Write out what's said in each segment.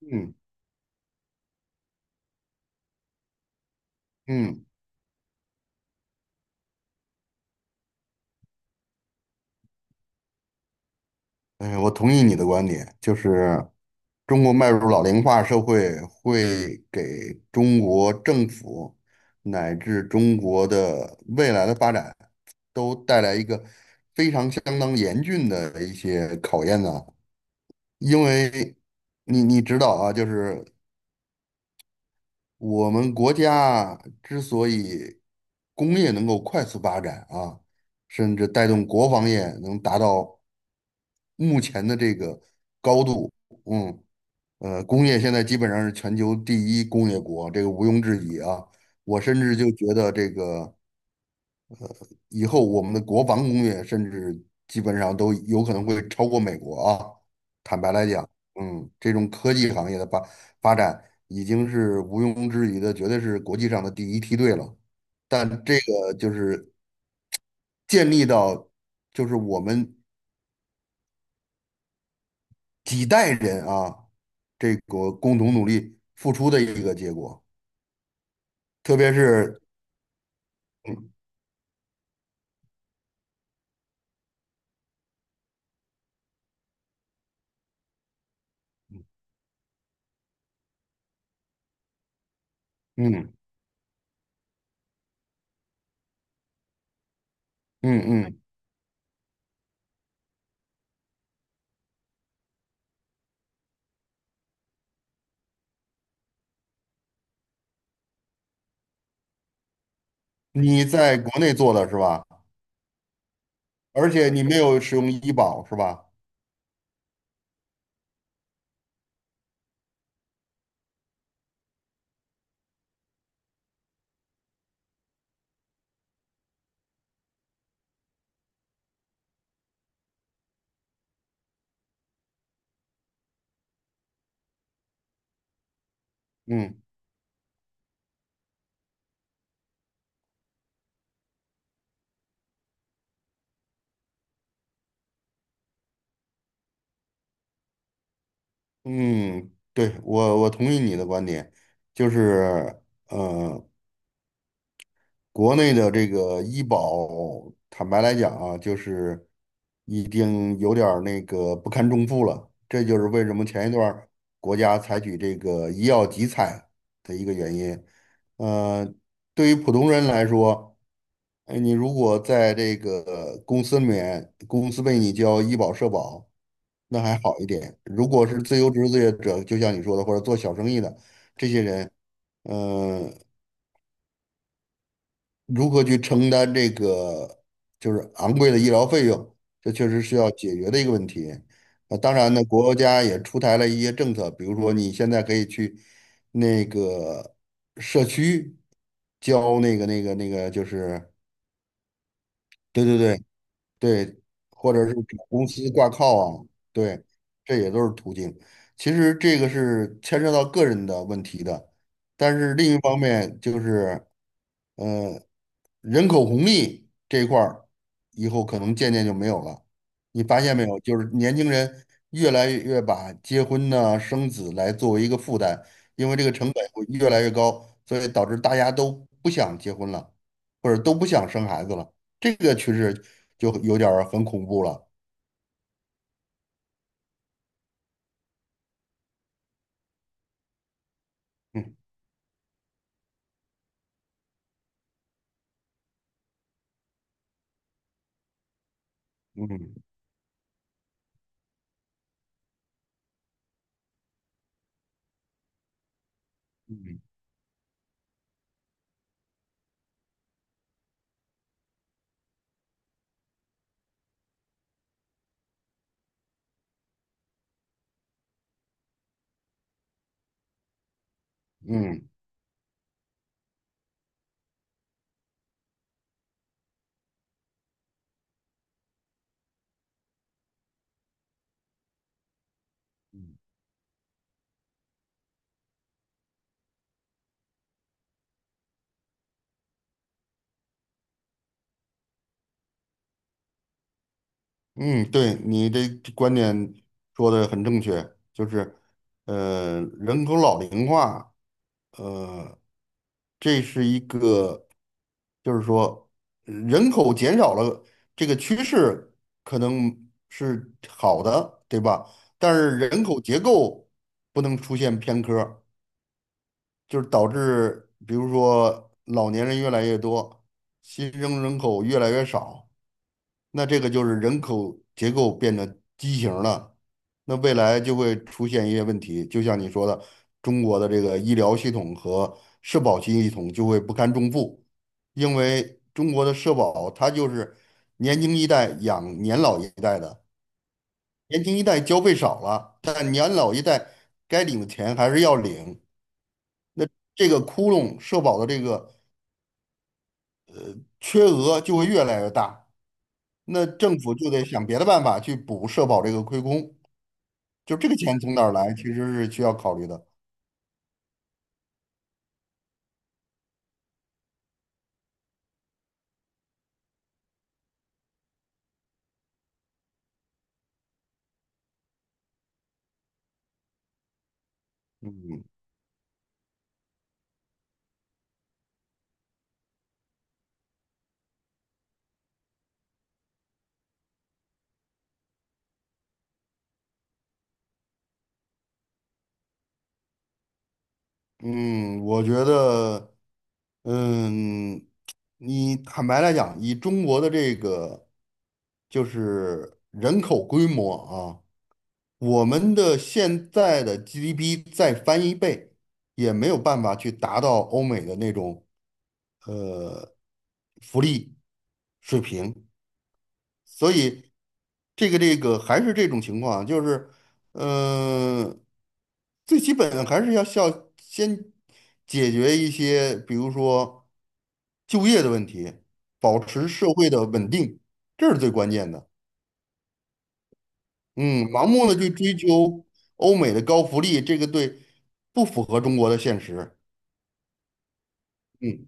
嗯嗯，哎，我同意你的观点，就是中国迈入老龄化社会，会给中国政府乃至中国的未来的发展都带来一个非常相当严峻的一些考验呢。因为你知道啊，就是我们国家之所以工业能够快速发展啊，甚至带动国防业能达到目前的这个高度，嗯，工业现在基本上是全球第一工业国，这个毋庸置疑啊。我甚至就觉得这个以后我们的国防工业甚至基本上都有可能会超过美国啊。坦白来讲，这种科技行业的发展已经是毋庸置疑的，绝对是国际上的第一梯队了。但这个就是建立到，就是我们几代人啊，这个共同努力付出的一个结果。特别是，嗯嗯。嗯嗯，你在国内做的是吧？而且你没有使用医保是吧？嗯。嗯，对，我同意你的观点，就是呃，国内的这个医保，坦白来讲啊，就是已经有点儿那个不堪重负了，这就是为什么前一段儿国家采取这个医药集采的一个原因。呃，对于普通人来说，哎，你如果在这个公司里面，公司为你交医保社保。那还好一点。如果是自由职业者，就像你说的，或者做小生意的这些人，嗯、如何去承担这个就是昂贵的医疗费用，这确实是要解决的一个问题。那当然呢，国家也出台了一些政策，比如说你现在可以去那个社区交那个，就是对对对，对，或者是给公司挂靠啊，对，这也都是途径。其实这个是牵涉到个人的问题的，但是另一方面就是。嗯、呃人口红利这一块儿，以后可能渐渐就没有了。你发现没有？就是年轻人越来越把结婚呢、生子来作为一个负担，因为这个成本会越来越高，所以导致大家都不想结婚了，或者都不想生孩子了。这个趋势就有点儿很恐怖了。嗯嗯嗯。嗯嗯。嗯，对，你这观点说的很正确，就是，人口老龄化。呃，这是一个，就是说人口减少了，这个趋势可能是好的，对吧？但是人口结构不能出现偏科儿就是导致比如说老年人越来越多，新生人口越来越少。那这个就是人口结构变得畸形了，那未来就会出现一些问题，就像你说的，中国的这个医疗系统和社保系统就会不堪重负，因为中国的社保它就是年轻一代养年老一代的，年轻一代交费少了，但年老一代该领的钱还是要领，这个窟窿社保的这个缺额就会越来越大，那政府就得想别的办法去补社保这个亏空。就这个钱从哪儿来，其实是需要考虑的。嗯嗯，我觉得，嗯，你坦白来讲，以中国的这个就是人口规模啊，我们的现在的 GDP 再翻一倍，也没有办法去达到欧美的那种福利水平。所以这个还是这种情况，就是，嗯，最基本的还是要先解决一些，比如说就业的问题，保持社会的稳定，这是最关键的。嗯，盲目的去追求欧美的高福利，这个对不符合中国的现实。嗯，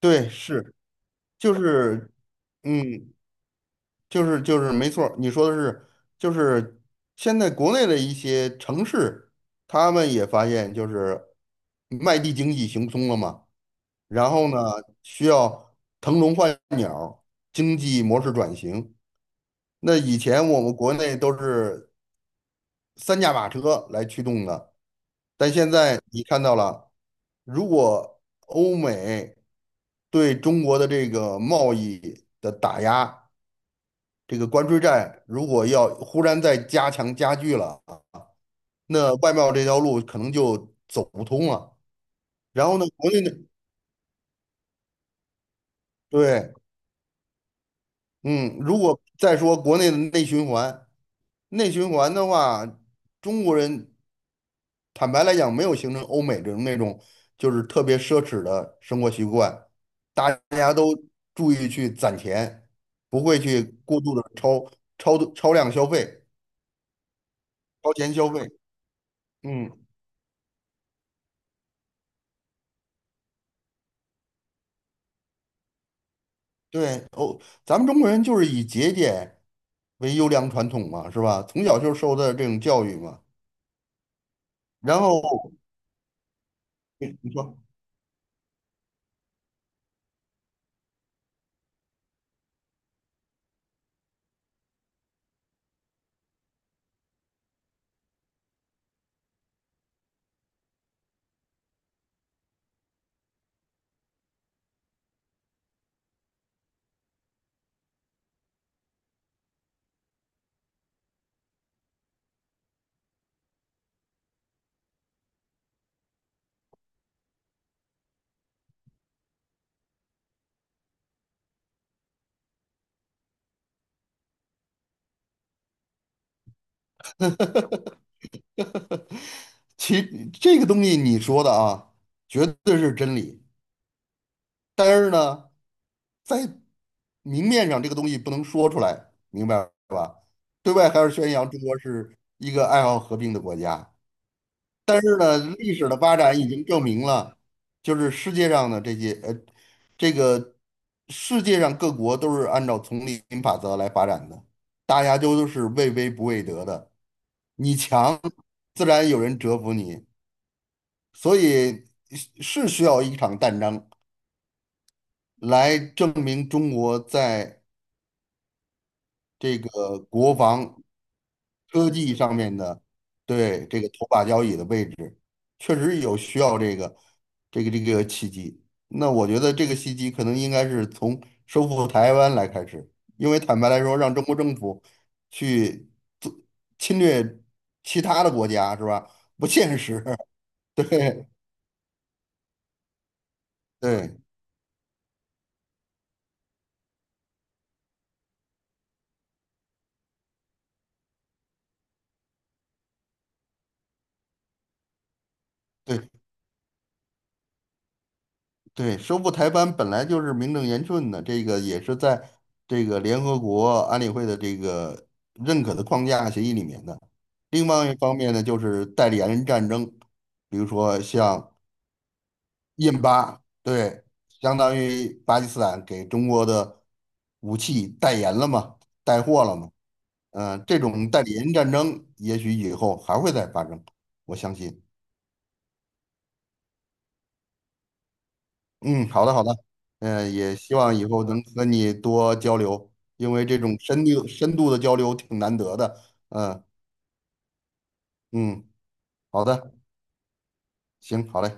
对，是，就是，嗯。就是没错儿你说的是，就是现在国内的一些城市，他们也发现就是卖地经济行不通了嘛，然后呢，需要腾笼换鸟，经济模式转型。那以前我们国内都是三驾马车来驱动的，但现在你看到了，如果欧美对中国的这个贸易的打压。这个关税战如果要忽然再加强加剧了啊，那外贸这条路可能就走不通了。然后呢，国内的对，嗯，如果再说国内的内循环，内循环的话，中国人坦白来讲没有形成欧美这种那种就是特别奢侈的生活习惯，大家都注意去攒钱，不会去过度的超度超量消费、超前消费，嗯。对哦，咱们中国人就是以节俭为优良传统嘛，是吧？从小就受的这种教育嘛。然后你说，其这个东西你说的啊，绝对是真理。但是呢，在明面上这个东西不能说出来，明白吧？对外还是宣扬中国是一个爱好和平的国家。但是呢，历史的发展已经证明了，就是世界上的这些这个世界上各国都是按照丛林法则来发展的，大家都是畏威不畏德的。你强，自然有人折服你，所以是需要一场战争来证明中国在这个国防。科技上面的，对这个头把交椅的位置，确实有需要这个契机。那我觉得这个契机可能应该是从收复台湾来开始，因为坦白来说，让中国政府去做侵略其他的国家是吧？不现实。对对对，对，收复台湾本来就是名正言顺的，这个也是在这个联合国安理会的这个认可的框架协议里面的。另外一方面呢，就是代理人战争，比如说像印巴，对，相当于巴基斯坦给中国的武器代言了嘛，带货了嘛。这种代理人战争也许以后还会再发生，我相信。嗯，好的好的，也希望以后能和你多交流，因为这种深度的交流挺难得的。嗯、嗯，好的，行，好嘞。